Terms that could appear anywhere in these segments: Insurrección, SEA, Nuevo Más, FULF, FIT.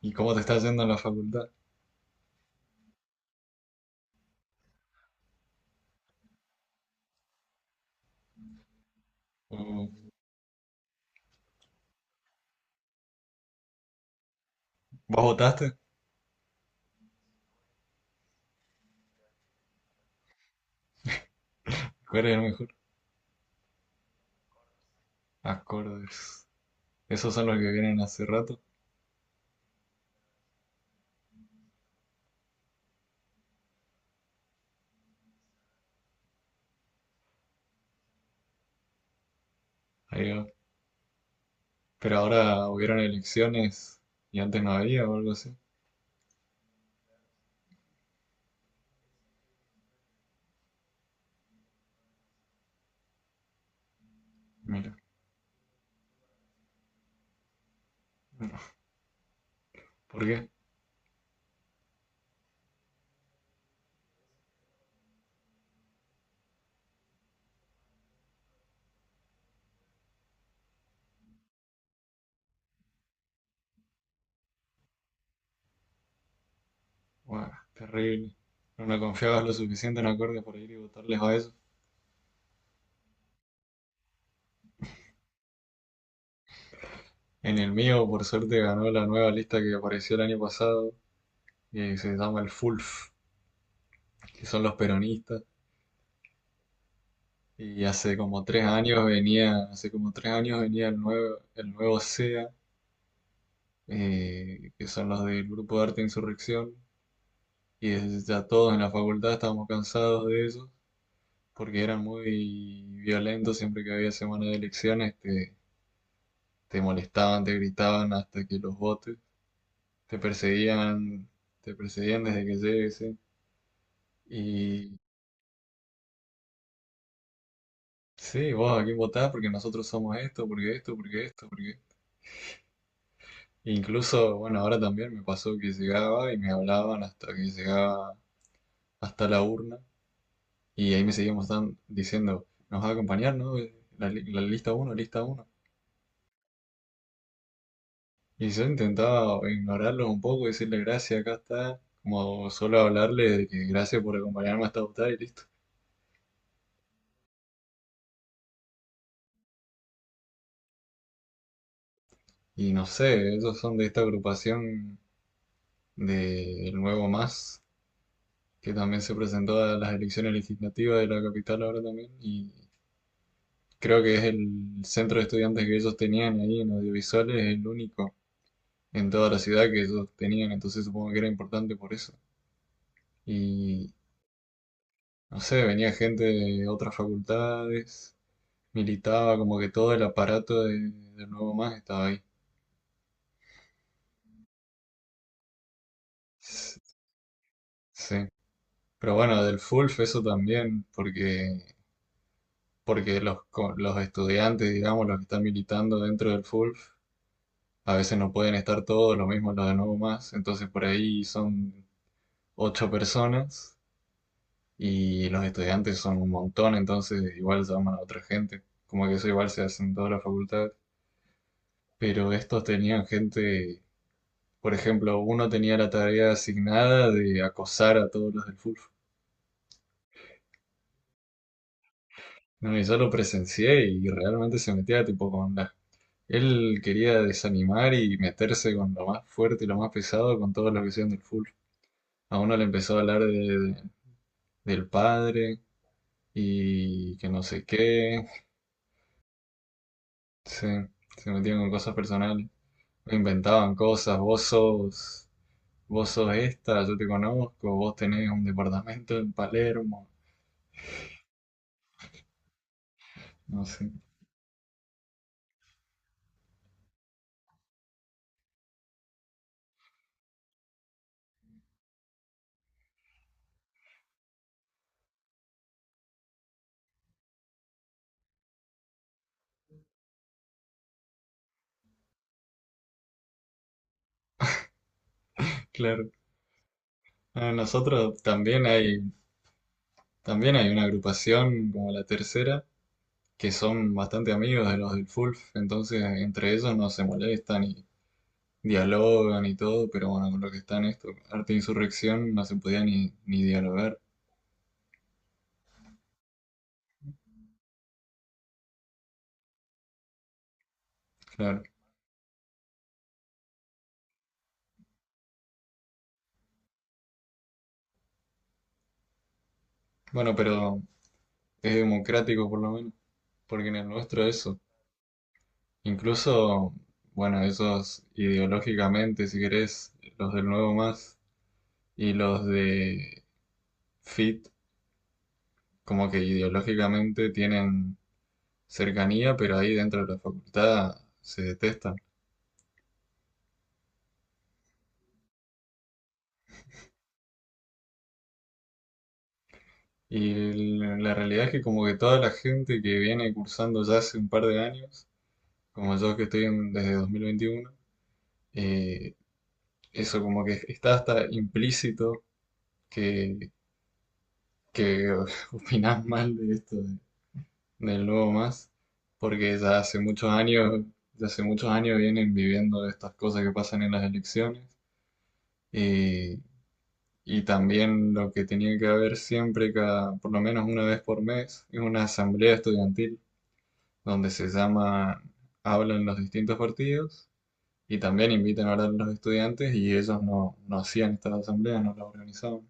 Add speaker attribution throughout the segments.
Speaker 1: ¿Y cómo te estás yendo en la facultad? ¿O ¿Vos votaste? ¿Cuál es el mejor? Acordes. Esos son los que vienen hace rato. Ahí va. Pero ahora hubieron elecciones y antes no había o algo así. Mira. No. ¿Por qué? Buah, terrible. No me confiabas lo suficiente en acordes para ir y votarles a eso. En el mío, por suerte, ganó la nueva lista que apareció el año pasado y se llama el FULF, que son los peronistas. Y hace como 3 años venía, hace como 3 años venía el nuevo, SEA, que son los del grupo de arte Insurrección, y ya todos en la facultad estábamos cansados de ellos, porque eran muy violentos, siempre que había semana de elecciones te, molestaban, te gritaban hasta que los votes, te perseguían, te perseguían desde que llegues, ¿sí? Y sí, ¿vos a quién votás? Porque nosotros somos esto, porque esto, porque esto, porque esto. Incluso, bueno, ahora también me pasó que llegaba y me hablaban hasta que llegaba hasta la urna. Y ahí me seguían diciendo: nos va a acompañar, ¿no? La lista uno, lista uno. Y yo intentaba ignorarlo un poco, decirle gracias, acá está. Como solo hablarle de que gracias por acompañarme hasta votar y listo. Y no sé, ellos son de esta agrupación del Nuevo Más, que también se presentó a las elecciones legislativas de la capital ahora también. Y creo que es el centro de estudiantes que ellos tenían ahí en audiovisuales, el único en toda la ciudad que ellos tenían. Entonces supongo que era importante por eso. Y no sé, venía gente de otras facultades, militaba, como que todo el aparato del Nuevo Más estaba ahí. S- Sí. Pero bueno, del FULF eso también, porque los estudiantes, digamos, los que están militando dentro del FULF, a veces no pueden estar todos, lo mismo los de Nuevo Más. Entonces por ahí son ocho personas y los estudiantes son un montón, entonces igual llaman a otra gente. Como que eso igual se hace en toda la facultad. Pero estos tenían gente, por ejemplo, uno tenía la tarea asignada de acosar a todos los del Fulf. No, y yo lo presencié y realmente se metía tipo con la... Él quería desanimar y meterse con lo más fuerte y lo más pesado con todos los que sean del Fulf. A uno le empezó a hablar del padre y que no sé qué. Sí, se metían con cosas personales. Inventaban cosas, vos sos esta, yo te conozco, vos tenés un departamento en Palermo, no sé, claro. A nosotros también hay, una agrupación como la tercera, que son bastante amigos de los del Fulf, entonces entre ellos no se molestan y dialogan y todo, pero bueno, con lo que está en esto, arte e insurrección, no se podía ni dialogar, claro. Bueno, pero es democrático por lo menos, porque en el nuestro eso. Incluso, bueno, esos ideológicamente, si querés, los del Nuevo Más y los de FIT, como que ideológicamente tienen cercanía, pero ahí dentro de la facultad se detestan. Y la realidad es que como que toda la gente que viene cursando ya hace un par de años, como yo que estoy desde 2021, eh, eso como que está hasta implícito que, que opinás mal de esto de nuevo más, porque ya hace muchos años, vienen viviendo estas cosas que pasan en las elecciones y, y también lo que tenía que haber siempre, cada, por lo menos una vez por mes, es una asamblea estudiantil donde se llama, hablan los distintos partidos y también invitan a hablar a los estudiantes y ellos no, hacían estas asambleas, no las organizaban.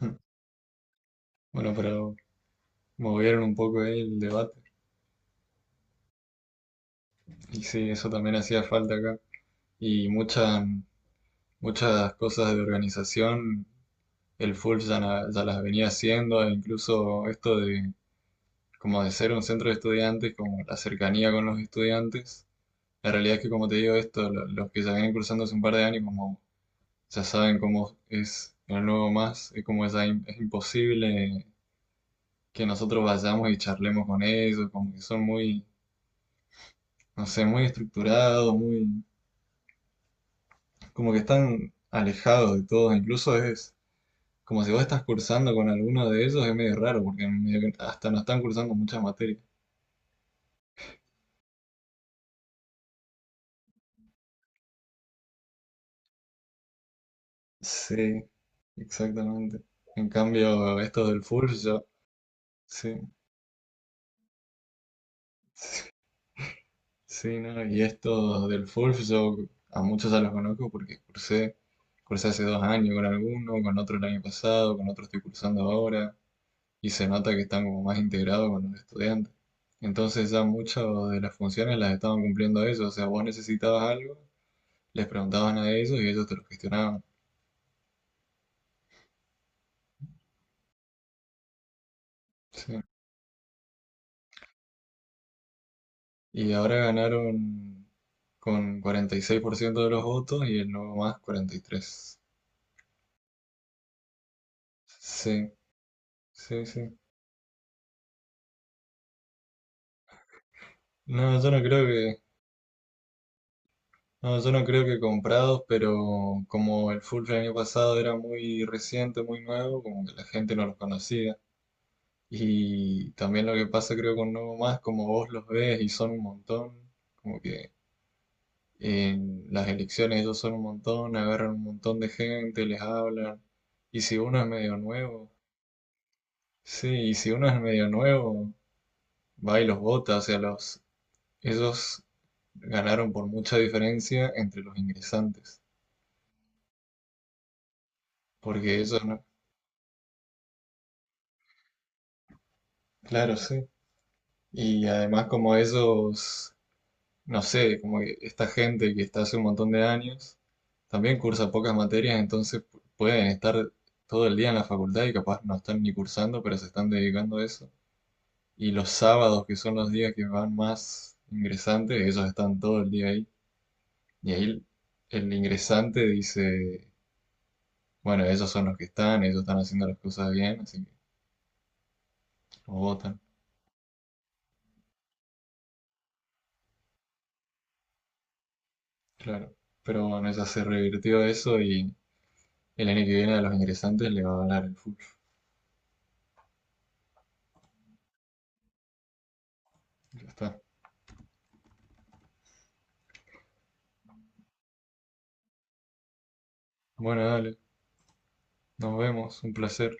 Speaker 1: Bueno, pero movieron un poco ahí el debate y sí, eso también hacía falta acá y Muchas cosas de organización el FULF ya, ya las venía haciendo, e incluso esto de como de ser un centro de estudiantes, como la cercanía con los estudiantes. La realidad es que, como te digo, esto, los que ya vienen cursando hace un par de años, como ya saben cómo es el nuevo más, es como ya es imposible que nosotros vayamos y charlemos con ellos, como que son muy, no sé, muy estructurados, muy, como que están alejados de todo, incluso es como si vos estás cursando con alguno de ellos, es medio raro, porque medio que hasta no están cursando muchas materias. Sí, exactamente. En cambio, estos del Fulf, yo, sí, sí, ¿no? Y estos del Fulf, yo a muchos ya los conozco porque cursé hace 2 años con alguno, con otro el año pasado, con otro estoy cursando ahora, y se nota que están como más integrados con los estudiantes. Entonces ya muchas de las funciones las estaban cumpliendo ellos, o sea, vos necesitabas algo, les preguntaban a ellos y ellos te lo gestionaban. Sí. Y ahora ganaron con 46% de los votos y el nuevo más 43. Sí, sí, sí. No, yo no creo que, no, yo no creo que comprados, pero como el full el año pasado era muy reciente, muy nuevo, como que la gente no los conocía. Y también lo que pasa creo con Nuevo Más, como vos los ves y son un montón, como que en las elecciones ellos son un montón, agarran un montón de gente, les hablan. Y si uno es medio nuevo, sí, y si uno es medio nuevo, va y los vota. O sea, los, ellos ganaron por mucha diferencia entre los ingresantes. Porque ellos no. Claro, sí. Y además como ellos, no sé, como que esta gente que está hace un montón de años, también cursa pocas materias, entonces pueden estar todo el día en la facultad y capaz no están ni cursando, pero se están dedicando a eso. Y los sábados, que son los días que van más ingresantes, ellos están todo el día ahí. Y ahí el ingresante dice, bueno, ellos son los que están, ellos están haciendo las cosas bien, así que los votan. Claro. Pero bueno, ya se revirtió eso y el año que viene a los ingresantes le va a hablar el fútbol. Ya está. Bueno, dale. Nos vemos. Un placer.